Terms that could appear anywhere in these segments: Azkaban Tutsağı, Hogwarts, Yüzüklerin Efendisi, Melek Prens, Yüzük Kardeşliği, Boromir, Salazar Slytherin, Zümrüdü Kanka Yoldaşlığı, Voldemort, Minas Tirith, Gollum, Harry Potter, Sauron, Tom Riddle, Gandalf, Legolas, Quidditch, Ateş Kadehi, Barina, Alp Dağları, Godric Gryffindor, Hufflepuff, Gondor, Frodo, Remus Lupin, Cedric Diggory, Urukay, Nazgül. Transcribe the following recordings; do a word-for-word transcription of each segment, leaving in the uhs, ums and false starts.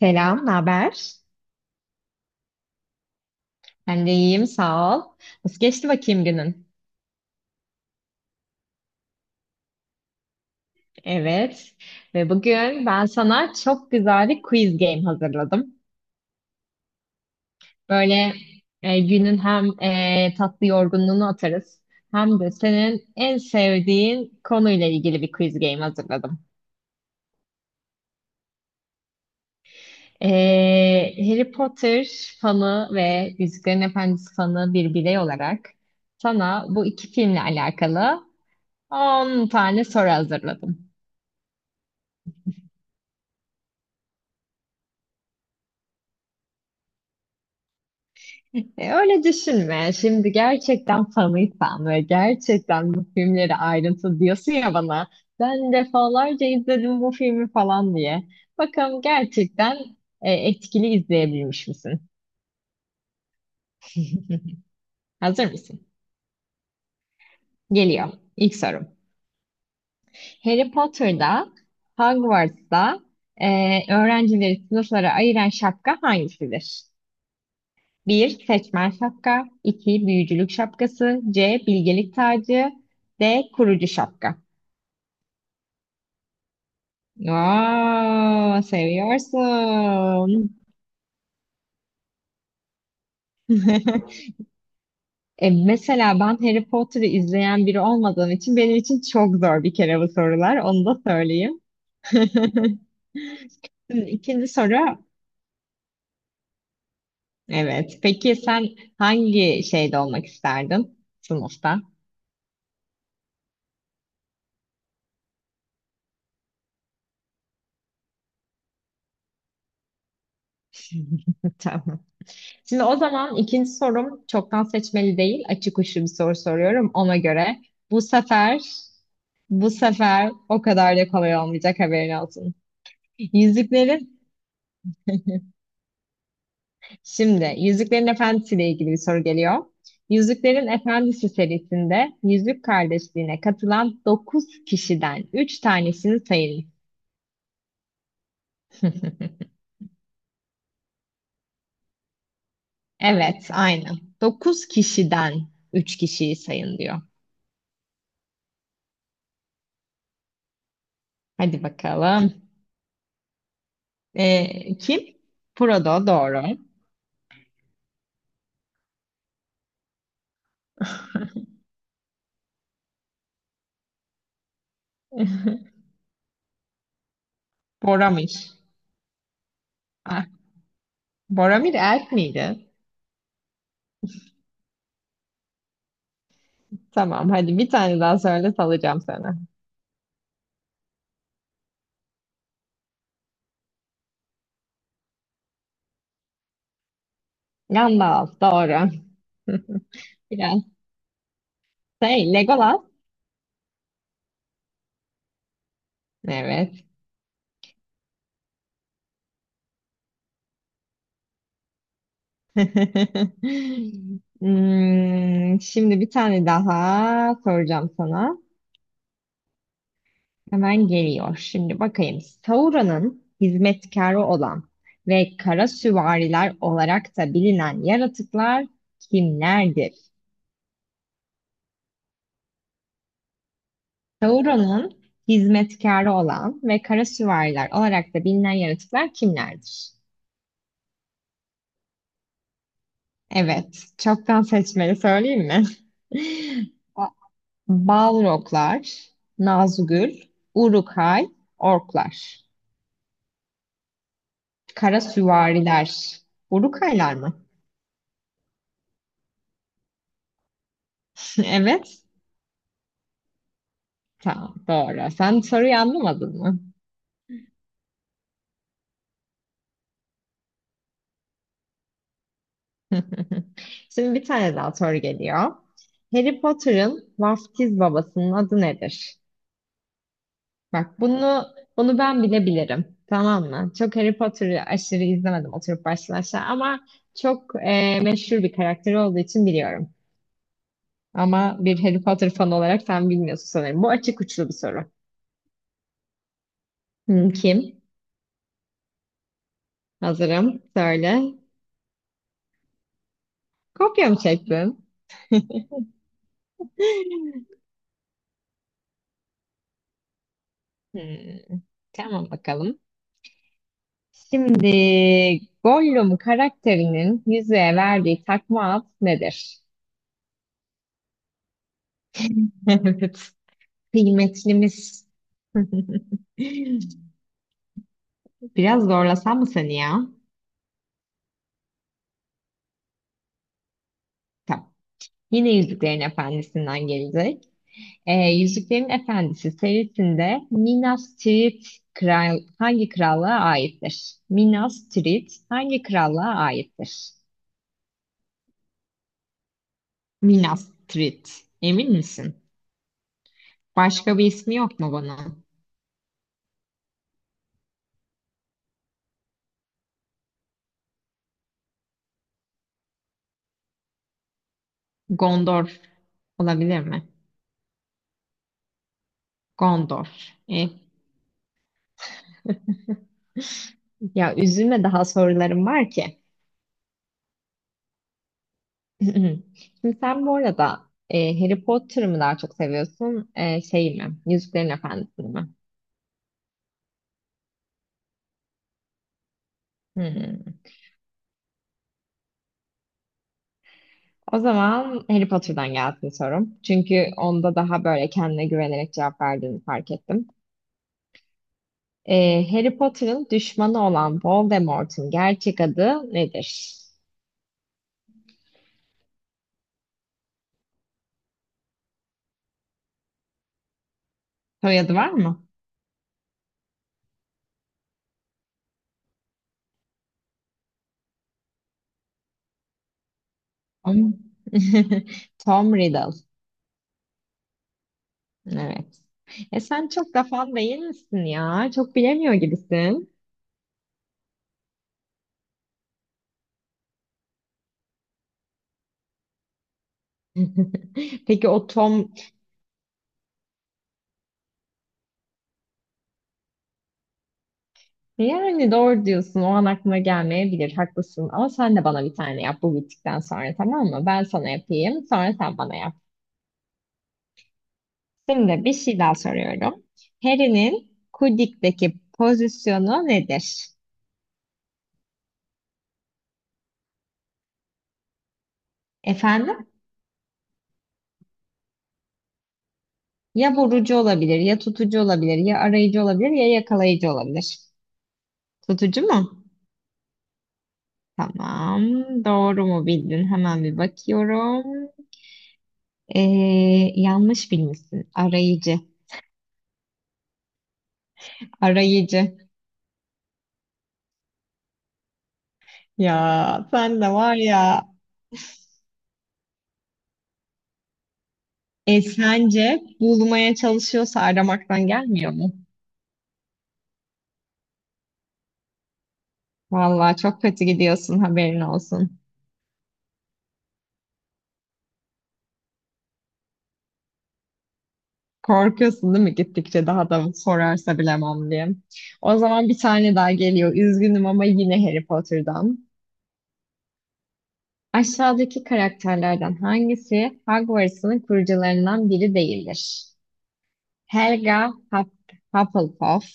Selam, ne haber? Ben de iyiyim, sağ ol. Nasıl geçti bakayım günün? Evet. Ve bugün ben sana çok güzel bir quiz game hazırladım. Böyle e, günün hem e, tatlı yorgunluğunu atarız, hem de senin en sevdiğin konuyla ilgili bir quiz game hazırladım. E, Harry Potter fanı ve Yüzüklerin Efendisi fanı bir birey olarak sana bu iki filmle alakalı on tane soru hazırladım. E, Öyle düşünme. Şimdi gerçekten fanıysan ve gerçekten bu filmleri ayrıntı diyorsun ya bana. Ben defalarca izledim bu filmi falan diye. Bakalım gerçekten e, etkili izleyebilmiş misin? Hazır mısın? Geliyor. İlk sorum. Harry Potter'da, Hogwarts'ta, e, öğrencileri sınıflara ayıran şapka hangisidir? Bir Seçmen şapka, iki Büyücülük şapkası, C. Bilgelik tacı, D. Kurucu şapka. Aa, seviyorsun. E, mesela ben Harry Potter'ı izleyen biri olmadığım için benim için çok zor bir kere bu sorular. Onu da söyleyeyim. Şimdi ikinci soru. Evet. Peki sen hangi şeyde olmak isterdin? Sınıfta. Tamam. Şimdi o zaman ikinci sorum çoktan seçmeli değil. Açık uçlu bir soru soruyorum ona göre. Bu sefer bu sefer o kadar da kolay olmayacak haberin olsun. Yüzüklerin şimdi Yüzüklerin Efendisi ile ilgili bir soru geliyor. Yüzüklerin Efendisi serisinde Yüzük Kardeşliği'ne katılan dokuz kişiden üç tanesini sayın. Evet, aynen. Dokuz kişiden üç kişiyi sayın diyor. Hadi bakalım. Ee, kim? Frodo doğru. Boromir. Ah, Boromir elf miydi? Tamam, hadi bir tane daha söyle, salacağım sana. Gandalf doğru. Biraz şey, Legolas. Evet. Hmm, şimdi bir tane daha soracağım sana. Hemen geliyor. Şimdi bakayım. Sauron'un hizmetkarı olan ve kara süvariler olarak da bilinen yaratıklar kimlerdir? Sauron'un hizmetkarı olan ve kara süvariler olarak da bilinen yaratıklar kimlerdir? Evet. Çoktan seçmeli söyleyeyim mi? O Balroglar, Nazgül, Urukay, Orklar. Kara süvariler. Urukaylar mı? Evet. Tamam, doğru. Sen soruyu anlamadın mı? Şimdi bir tane daha soru geliyor. Harry Potter'ın vaftiz babasının adı nedir? Bak bunu bunu ben bile bilirim. Tamam mı? Çok Harry Potter'ı aşırı izlemedim oturup baştan aşağı ama çok e, meşhur bir karakteri olduğu için biliyorum. Ama bir Harry Potter fanı olarak sen bilmiyorsun sanırım. Bu açık uçlu bir soru. Hmm, kim? Hazırım. Söyle. Kopya mı çektin? Hmm, tamam bakalım. Şimdi Gollum karakterinin yüzüğe verdiği takma ad nedir? Evet. Kıymetlimiz. Biraz zorlasam mı seni ya? Tamam. Yine Yüzüklerin Efendisi'nden gelecek. E, Yüzüklerin Efendisi serisinde Minas Tirith kral, hangi krallığa aittir? Minas Tirith hangi krallığa aittir? Minas Tirith. Emin misin? Başka bir ismi yok mu bunun? Gondor olabilir mi? Gondor. E, ya üzülme, daha sorularım var ki. Şimdi sen bu arada e, Harry Potter'ı mı daha çok seviyorsun? E, şey mi? Yüzüklerin Efendisi'ni mi? Hmm. O zaman Harry Potter'dan gelsin sorum. Çünkü onda daha böyle kendine güvenerek cevap verdiğini fark ettim. Ee, Harry Potter'ın düşmanı olan Voldemort'un gerçek adı nedir? Soyadı var mı? Tom, Tom Riddle. Evet. E sen çok da fan değil misin ya? Çok bilemiyor gibisin. Peki o Tom, yani doğru diyorsun. O an aklıma gelmeyebilir. Haklısın. Ama sen de bana bir tane yap bu bittikten sonra, tamam mı? Ben sana yapayım. Sonra sen bana yap. Şimdi bir şey daha soruyorum. Harry'nin Quidditch'teki pozisyonu nedir? Efendim? Ya vurucu olabilir, ya tutucu olabilir, ya arayıcı olabilir, ya yakalayıcı olabilir. Tutucu mu? Tamam. Doğru mu bildin? Hemen bir bakıyorum. Ee, yanlış bilmişsin. Arayıcı. Arayıcı. Ya sen de var ya. E sence bulmaya çalışıyorsa aramaktan gelmiyor mu? Vallahi çok kötü gidiyorsun, haberin olsun. Korkuyorsun değil mi, gittikçe daha da sorarsa bilemem diye. O zaman bir tane daha geliyor. Üzgünüm ama yine Harry Potter'dan. Aşağıdaki karakterlerden hangisi Hogwarts'ın kurucularından biri değildir? Helga Hup- Hufflepuff,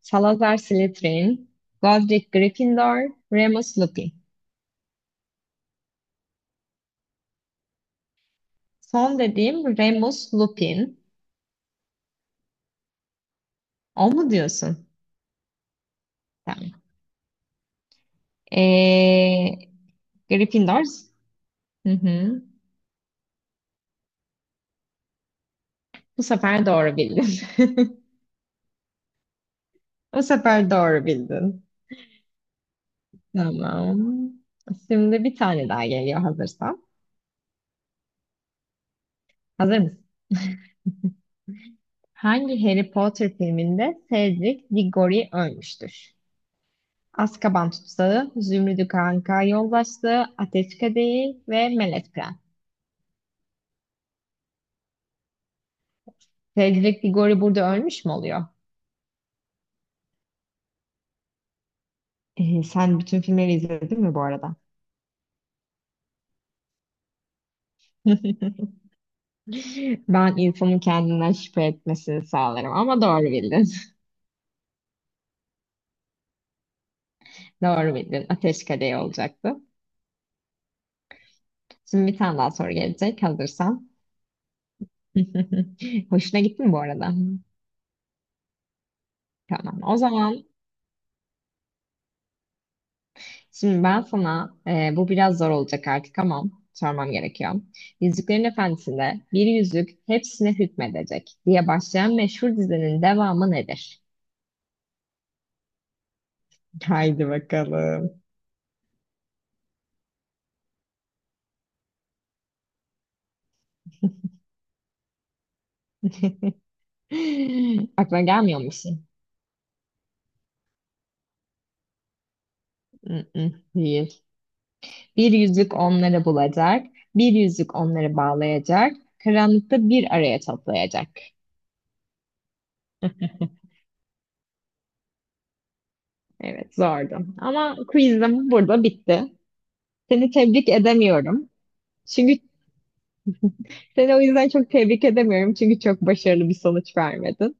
Salazar Slytherin, Godric Gryffindor, Remus Lupin. Son dediğim Remus Lupin. O mu diyorsun? Tamam. Ee, Gryffindor. Hı hı. Bu sefer doğru bildim. Bu sefer doğru bildin. Tamam. Şimdi bir tane daha geliyor hazırsan. Hazır mısın? Hangi Harry Potter filminde Cedric Diggory ölmüştür? Azkaban Tutsağı, Zümrüdü Kanka Yoldaşlığı, Ateş Kadehi ve Melek Prens. Cedric Diggory burada ölmüş mü oluyor? Ee, sen bütün filmleri izledin mi bu arada? Ben insanın kendinden şüphe etmesini sağlarım ama doğru bildin. Doğru bildin. Ateş Kadehi olacaktı. Şimdi bir tane daha soru gelecek hazırsan. Hoşuna gitti mi bu arada? Tamam. O zaman şimdi ben sana, e, bu biraz zor olacak artık ama sormam gerekiyor. Yüzüklerin Efendisi'nde bir yüzük hepsine hükmedecek diye başlayan meşhur dizinin devamı nedir? Haydi bakalım. Aklına gelmiyor mu bir şey? Mm-mm, değil. Bir yüzük onları bulacak, bir yüzük onları bağlayacak, karanlıkta bir araya toplayacak. Evet, zordu. Ama quizim burada bitti. Seni tebrik edemiyorum. Çünkü seni o yüzden çok tebrik edemiyorum. Çünkü çok başarılı bir sonuç vermedin.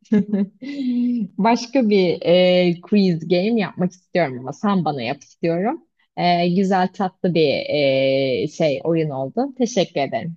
Başka bir e, quiz game yapmak istiyorum ama sen bana yap istiyorum. E, güzel tatlı bir e, şey oyun oldu. Teşekkür ederim.